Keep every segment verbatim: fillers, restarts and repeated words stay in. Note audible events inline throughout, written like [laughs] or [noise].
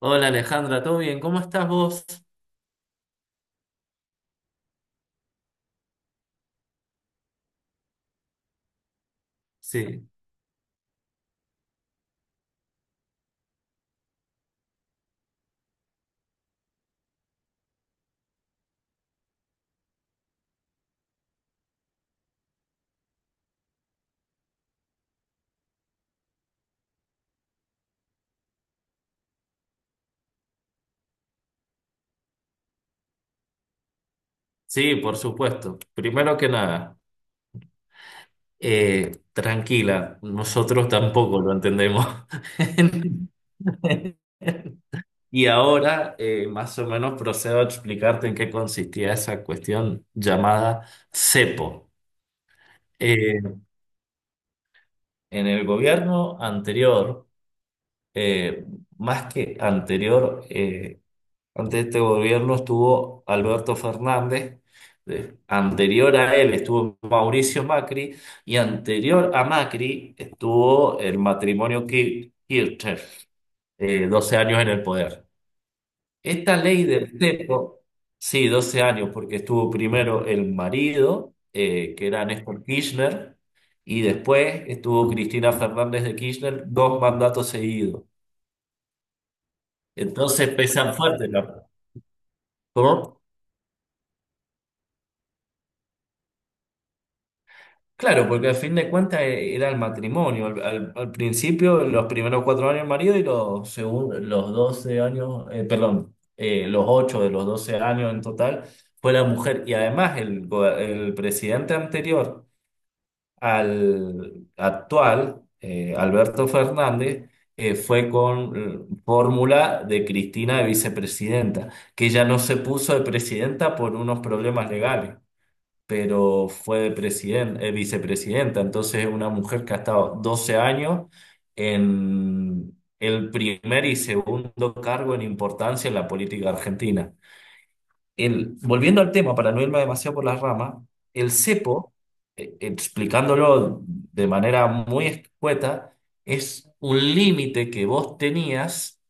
Hola Alejandra, ¿todo bien? ¿Cómo estás vos? Sí, sí, por supuesto. Primero que nada, eh, tranquila, nosotros tampoco lo entendemos. [laughs] Y ahora eh, más o menos procedo a explicarte en qué consistía esa cuestión llamada CEPO. Eh, en el gobierno anterior, eh, más que anterior, eh, ante este gobierno estuvo Alberto Fernández, eh, anterior a él estuvo Mauricio Macri y anterior a Macri estuvo el matrimonio Kir- Kirchner, eh, doce años en el poder. Esta ley del cepo, sí, doce años, porque estuvo primero el marido, eh, que era Néstor Kirchner, y después estuvo Cristina Fernández de Kirchner, dos mandatos seguidos. Entonces pesan fuerte, ¿no? ¿Cómo? Claro, porque al fin de cuentas e- era el matrimonio. Al, al- al principio, los primeros cuatro años el marido y los, segun- los doce años, eh, perdón, eh, los ocho de los doce años en total fue la mujer. Y además el, go- el presidente anterior al actual, eh, Alberto Fernández, eh, fue con eh, fórmula de Cristina de vicepresidenta, que ella no se puso de presidenta por unos problemas legales pero fue presidente, eh, vicepresidenta, entonces es una mujer que ha estado doce años en el primer y segundo cargo en importancia en la política argentina. El, volviendo al tema, para no irme demasiado por las ramas, el cepo, eh, explicándolo de manera muy escueta, es un límite que vos tenías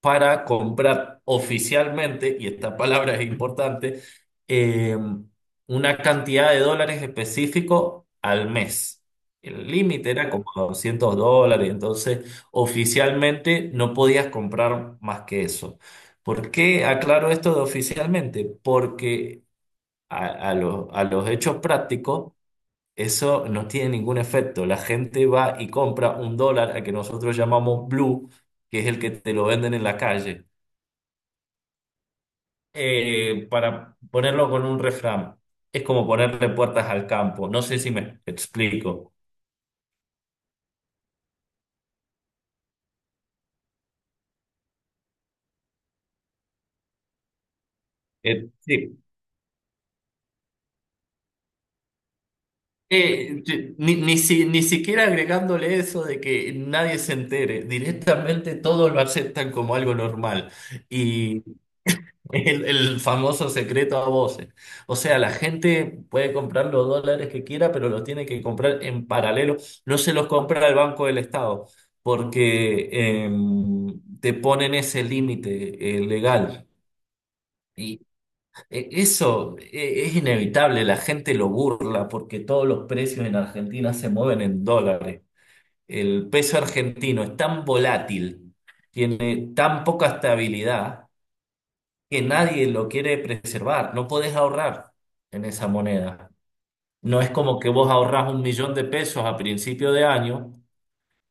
para comprar oficialmente, y esta palabra es importante, eh, una cantidad de dólares específico al mes. El límite era como doscientos dólares, entonces oficialmente no podías comprar más que eso. ¿Por qué aclaro esto de oficialmente? Porque a, a los a los hechos prácticos eso no tiene ningún efecto. La gente va y compra un dólar al que nosotros llamamos blue, que es el que te lo venden en la calle, eh, para ponerlo con un refrán, es como ponerle puertas al campo. No sé si me explico. Eh, sí. Eh, yo- ni, ni, si- ni siquiera agregándole eso de que nadie se entere, directamente todos lo aceptan como algo normal. El, el famoso secreto a voces. O sea, la gente puede comprar los dólares que quiera, pero los tiene que comprar en paralelo. No se los compra el Banco del Estado, porque eh, te ponen ese límite eh, legal. Y eh, eso eh, es inevitable, la gente lo burla porque todos los precios en Argentina se mueven en dólares. El peso argentino es tan volátil, tiene tan poca estabilidad que nadie lo quiere preservar. No podés ahorrar en esa moneda. No es como que vos ahorrás un millón de pesos a principio de año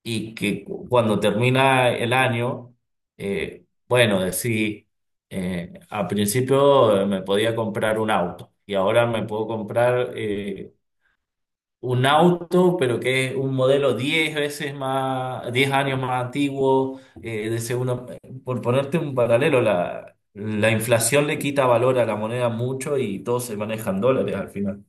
y que cu- cuando termina el año, eh, bueno, decís, eh, a principio eh, me podía comprar un auto y ahora me puedo comprar eh, un auto, pero que es un modelo diez veces más, diez años más antiguo, eh, de segundo, por ponerte un paralelo, la, la inflación le quita valor a la moneda mucho y todos se manejan dólares al final.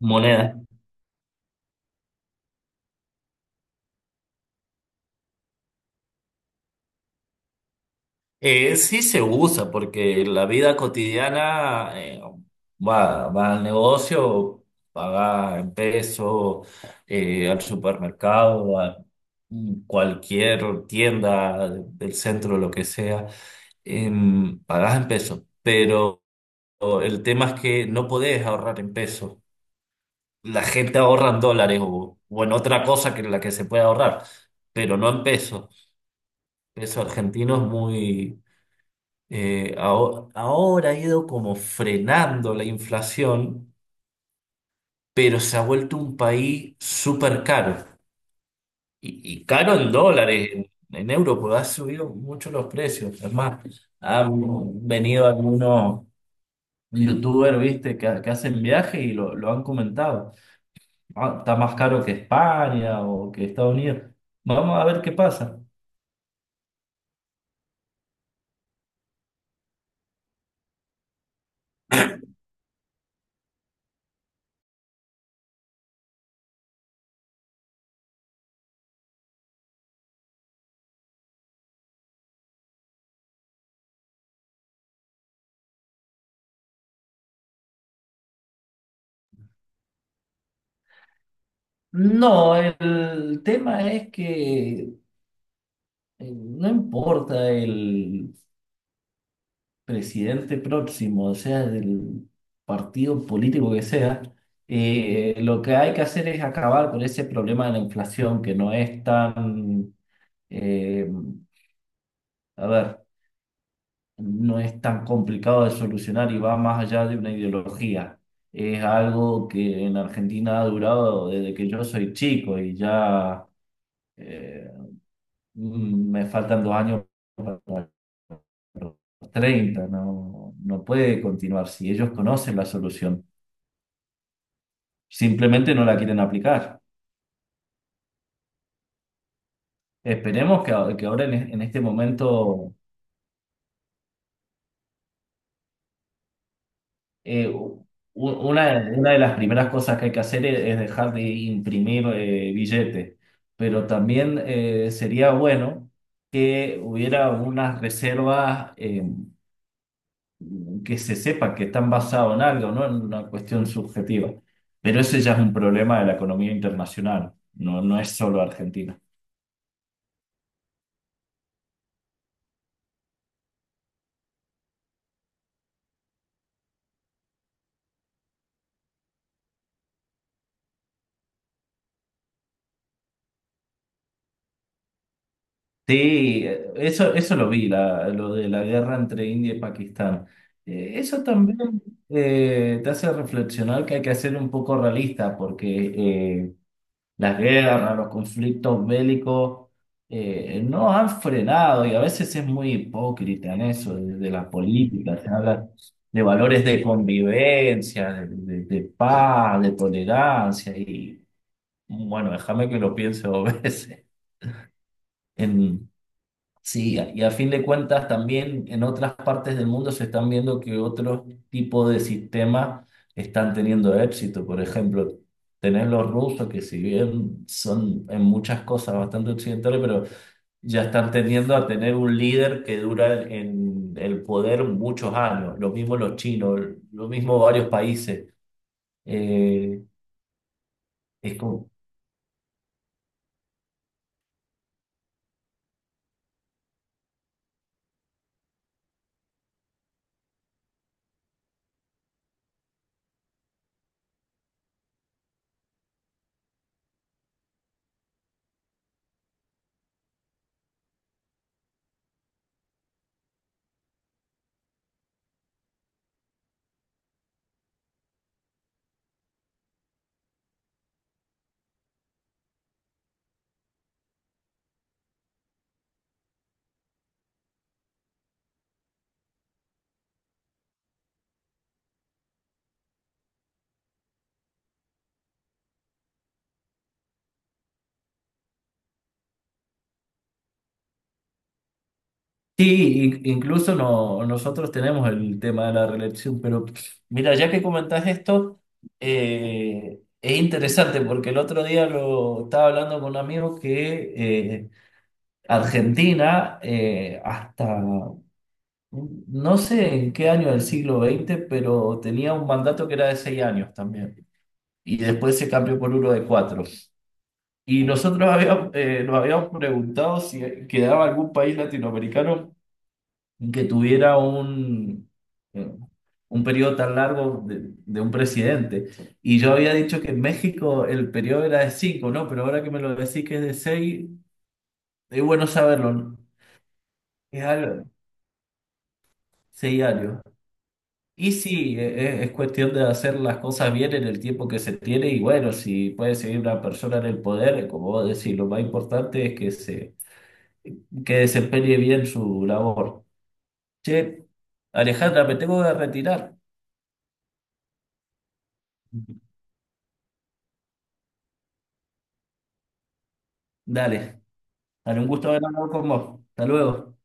Moneda. Eh, sí se usa porque en la vida cotidiana eh, va, va al negocio, paga en peso, eh, al supermercado, a cualquier tienda del centro, lo que sea. Em, pagás en pesos, pero el tema es que no podés ahorrar en pesos. La gente ahorra en dólares o, o en otra cosa que en la que se puede ahorrar, pero no en pesos. Peso argentino es muy. Eh, aho- ahora ha ido como frenando la inflación, pero se ha vuelto un país súper caro. Y, y caro en dólares, en, en euros, porque ha subido mucho los precios. Es más, han venido algunos youtuber, viste, que, que hacen viaje y lo, lo han comentado. Ah, está más caro que España o que Estados Unidos. Vamos a ver qué pasa. No, el tema es que eh, no importa el presidente próximo, o sea, del partido político que sea, eh, lo que hay que hacer es acabar con ese problema de la inflación que no es tan, eh, a ver. No es tan complicado de solucionar y va más allá de una ideología. Es algo que en Argentina ha durado desde que yo soy chico y ya eh, mm, me faltan dos años para los treinta. No, no puede continuar si ellos conocen la solución. Simplemente no la quieren aplicar. Esperemos que, a- que ahora en, e- en este momento. Eh, u- una, una de las primeras cosas que hay que hacer es, es dejar de imprimir eh, billetes, pero también eh, sería bueno que hubiera unas reservas eh, que se sepa que están basadas en algo, no en una cuestión subjetiva. Pero ese ya es un problema de la economía internacional, no, no es solo Argentina. Sí, eh, eso, eso lo vi, la, lo de la guerra entre India y Pakistán. Eh, eso también eh, te hace reflexionar que hay que ser un poco realista, porque eh, las guerras, los conflictos bélicos eh, no han frenado y a veces es muy hipócrita en eso, desde la política, se habla de valores de convivencia, de, de- de paz, de tolerancia, y bueno, déjame que lo piense dos [laughs] veces. Sí, y a fin de cuentas también en otras partes del mundo se están viendo que otros tipos de sistemas están teniendo éxito. Por ejemplo, tenés los rusos que si bien son en muchas cosas bastante occidentales, pero ya están tendiendo a tener un líder que dura en el poder muchos años. Lo mismo los chinos, lo mismo varios países. Eh, es como. Sí, in- incluso no, nosotros tenemos el tema de la reelección, pero mira, ya que comentás esto, eh, es interesante porque el otro día lo estaba hablando con un amigo que eh, Argentina, eh, hasta no sé en qué año del siglo veinte, pero tenía un mandato que era de seis años también, y después se cambió por uno de cuatro. Y nosotros habíamos, eh, nos habíamos preguntado si quedaba algún país latinoamericano que tuviera un, eh, un periodo tan largo de, de un presidente. Y yo había dicho que en México el periodo era de cinco, ¿no? Pero ahora que me lo decís que es de seis, es bueno saberlo, ¿no? Es algo, seis años. Y sí, e- e- es, cuestión de hacer las cosas bien en el tiempo que se tiene y bueno, si puede seguir una persona en el poder, como vos decís, lo más importante es que se que desempeñe bien su labor. Che, Alejandra, me tengo que retirar. Dale. Dale, un gusto haber hablado con vos. Hasta luego.